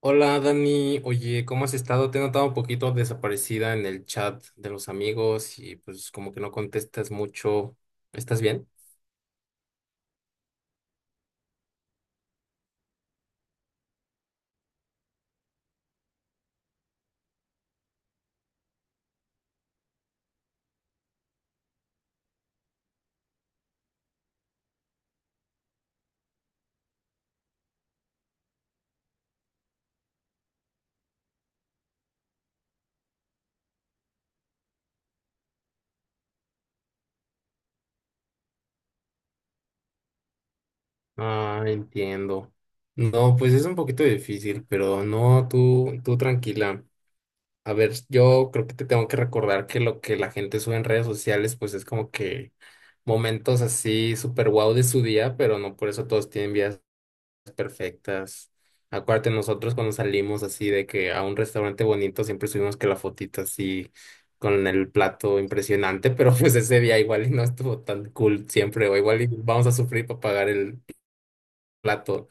Hola Dani, oye, ¿cómo has estado? Te he notado un poquito desaparecida en el chat de los amigos y pues como que no contestas mucho. ¿Estás bien? Ah, entiendo. No, pues es un poquito difícil, pero no, tú tranquila. A ver, yo creo que te tengo que recordar que lo que la gente sube en redes sociales, pues es como que momentos así súper guau de su día, pero no por eso todos tienen vidas perfectas. Acuérdate, nosotros cuando salimos así de que a un restaurante bonito siempre subimos que la fotita así con el plato impresionante, pero pues ese día igual y no estuvo tan cool siempre, o igual y vamos a sufrir para pagar el plato.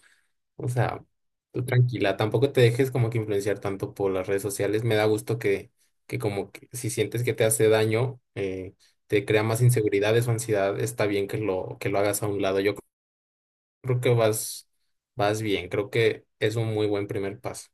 O sea, tú tranquila, tampoco te dejes como que influenciar tanto por las redes sociales. Me da gusto que como que si sientes que te hace daño, te crea más inseguridades o ansiedad, está bien que lo hagas a un lado. Yo creo que vas bien, creo que es un muy buen primer paso.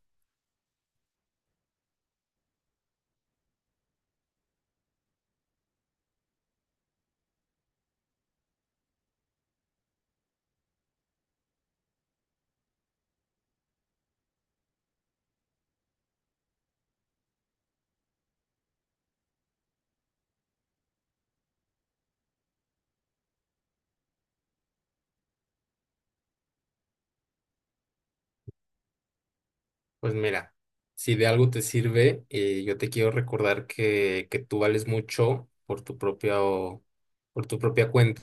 Pues mira, si de algo te sirve, yo te quiero recordar que tú vales mucho por tu propia cuenta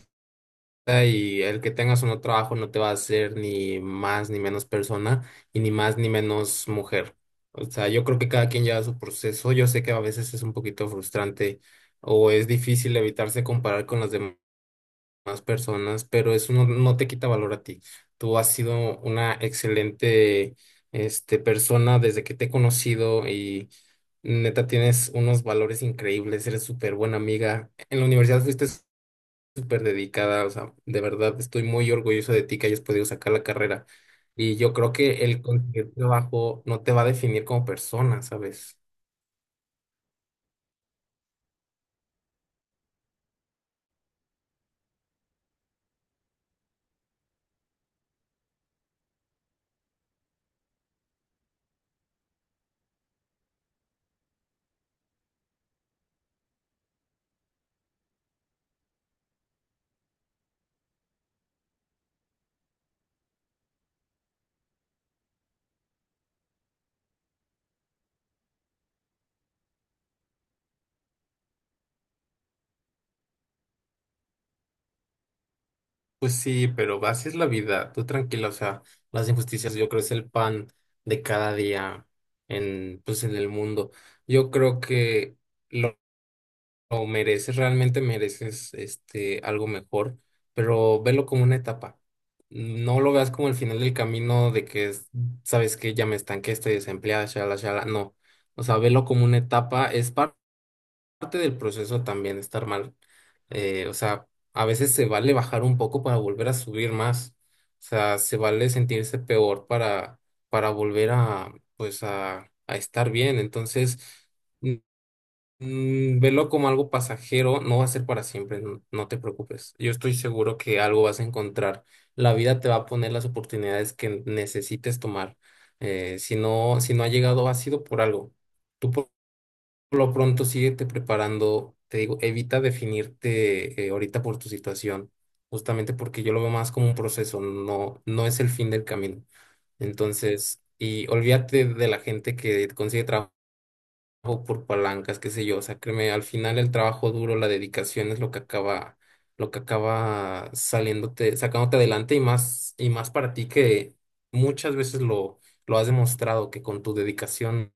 y el que tengas o no trabajo no te va a hacer ni más ni menos persona y ni más ni menos mujer. O sea, yo creo que cada quien lleva su proceso. Yo sé que a veces es un poquito frustrante o es difícil evitarse comparar con las demás más personas, pero eso no, no te quita valor a ti. Tú has sido una excelente persona desde que te he conocido y neta tienes unos valores increíbles, eres súper buena amiga. En la universidad fuiste súper dedicada, o sea, de verdad estoy muy orgulloso de ti que hayas podido sacar la carrera. Y yo creo que el conseguir trabajo no te va a definir como persona, ¿sabes? Pues sí, pero así es la vida, tú tranquila, o sea, las injusticias yo creo es el pan de cada día en, pues en el mundo. Yo creo que lo, lo mereces, realmente mereces este algo mejor, pero velo como una etapa. No lo veas como el final del camino de que es, sabes que ya me estanqué, estoy desempleada, shala, shala, no. O sea, velo como una etapa, es parte del proceso también estar mal. O sea, a veces se vale bajar un poco para volver a subir más. O sea, se vale sentirse peor para volver a estar bien. Entonces, mm, velo como algo pasajero, no va a ser para siempre, no, no te preocupes. Yo estoy seguro que algo vas a encontrar. La vida te va a poner las oportunidades que necesites tomar. Si no, si no, ha llegado, ha sido por algo. Tú por lo pronto, síguete preparando. Te digo, evita definirte ahorita por tu situación, justamente porque yo lo veo más como un proceso, no, no es el fin del camino. Entonces, y olvídate de la gente que consigue trabajo por palancas, qué sé yo. O sea, créeme, al final el trabajo duro, la dedicación es lo que acaba saliéndote, sacándote adelante y más para ti que muchas veces lo has demostrado que con tu dedicación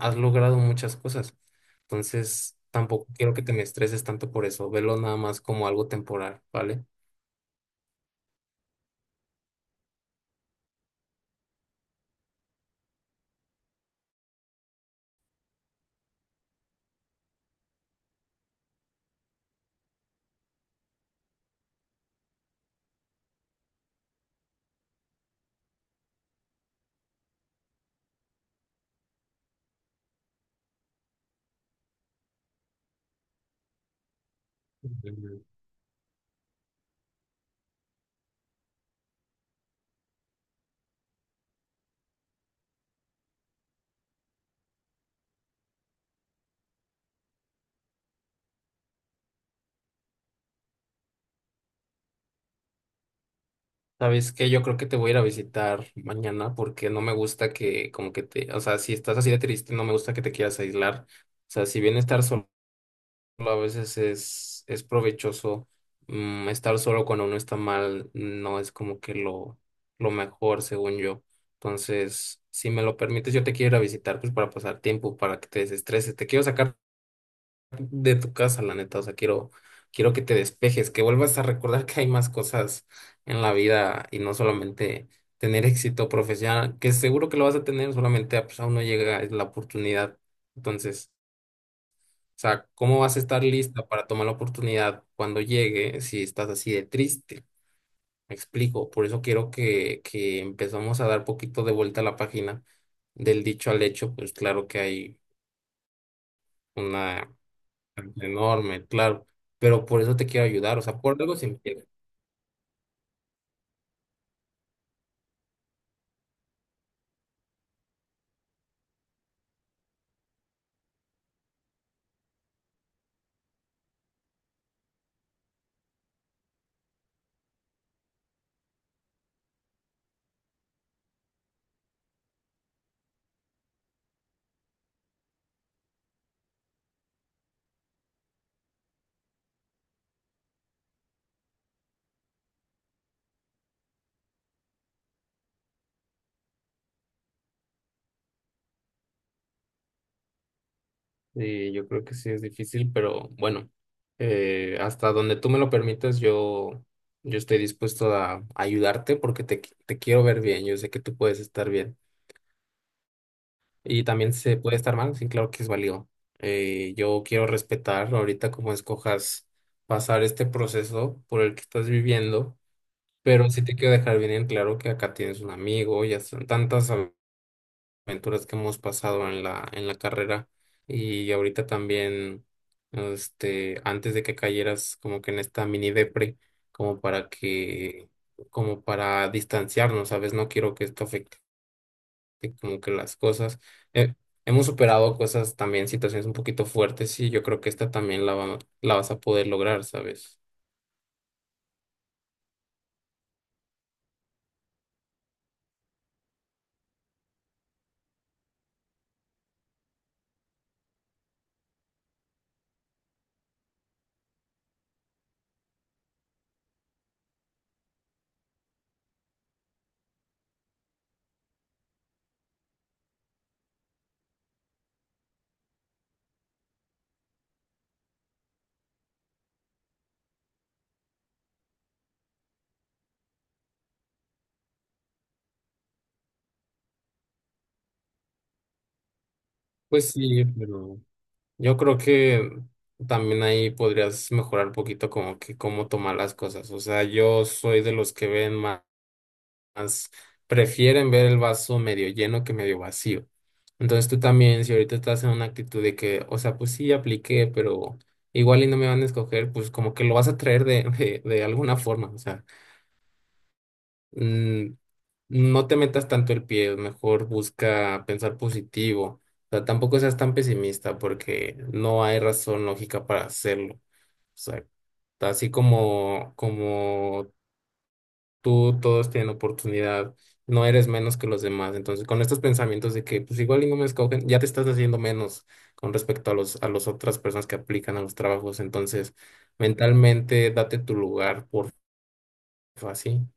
has logrado muchas cosas. Entonces, tampoco quiero que te me estreses tanto por eso. Velo nada más como algo temporal, ¿vale? Ujú. ¿Sabes qué? Yo creo que te voy a ir a visitar mañana porque no me gusta que, como que te, o sea, si estás así de triste, no me gusta que te quieras aislar. O sea, si bien estar solo a veces es provechoso, estar solo cuando uno está mal, no es como que lo mejor, según yo. Entonces, si me lo permites, yo te quiero ir a visitar, pues para pasar tiempo, para que te desestreses. Te quiero sacar de tu casa, la neta. O sea, quiero que te despejes, que vuelvas a recordar que hay más cosas en la vida y no solamente tener éxito profesional, que seguro que lo vas a tener, solamente ah, pues, aún no llega la oportunidad. Entonces. O sea, ¿cómo vas a estar lista para tomar la oportunidad cuando llegue si estás así de triste? Me explico. Por eso quiero que empezamos a dar poquito de vuelta a la página del dicho al hecho. Pues claro que hay una enorme, claro. Pero por eso te quiero ayudar. O sea, por algo se empieza. Sí, yo creo que sí es difícil, pero bueno, hasta donde tú me lo permitas, yo estoy dispuesto a ayudarte porque te quiero ver bien. Yo sé que tú puedes estar bien. Y también se puede estar mal, sí, claro que es válido. Yo quiero respetar ahorita como escojas pasar este proceso por el que estás viviendo, pero sí te quiero dejar bien en claro que acá tienes un amigo, ya son tantas aventuras que hemos pasado en en la carrera y ahorita también, antes de que cayeras como que en esta mini depre, como para que, como para distanciarnos, ¿sabes? No quiero que esto afecte que como que las cosas, eh, hemos superado cosas también, situaciones un poquito fuertes y yo creo que esta también la vas a poder lograr, ¿sabes? Pues sí, pero yo creo que también ahí podrías mejorar un poquito como que cómo tomar las cosas. O sea, yo soy de los que ven más, prefieren ver el vaso medio lleno que medio vacío. Entonces tú también, si ahorita estás en una actitud de que, o sea, pues sí, apliqué, pero igual y no me van a escoger, pues como que lo vas a traer de alguna forma, o sea. mm, no te metas tanto el pie, mejor busca pensar positivo. O sea, tampoco seas tan pesimista porque no hay razón lógica para hacerlo. O sea, así como, como tú, todos tienen oportunidad, no eres menos que los demás. Entonces, con estos pensamientos de que pues igual y no me escogen, ya te estás haciendo menos con respecto a a las otras personas que aplican a los trabajos. Entonces, mentalmente date tu lugar, porfa, sí.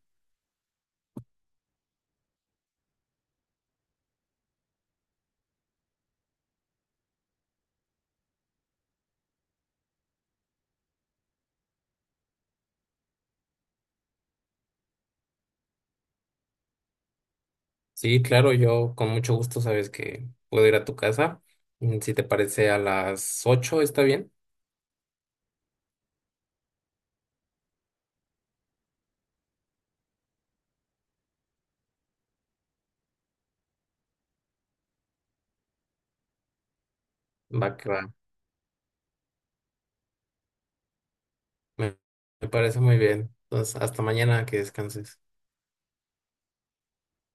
Sí, claro, yo con mucho gusto sabes que puedo ir a tu casa. Si te parece a las 8, ¿está bien? Va que va. Me, me parece muy bien. Entonces, hasta mañana, que descanses.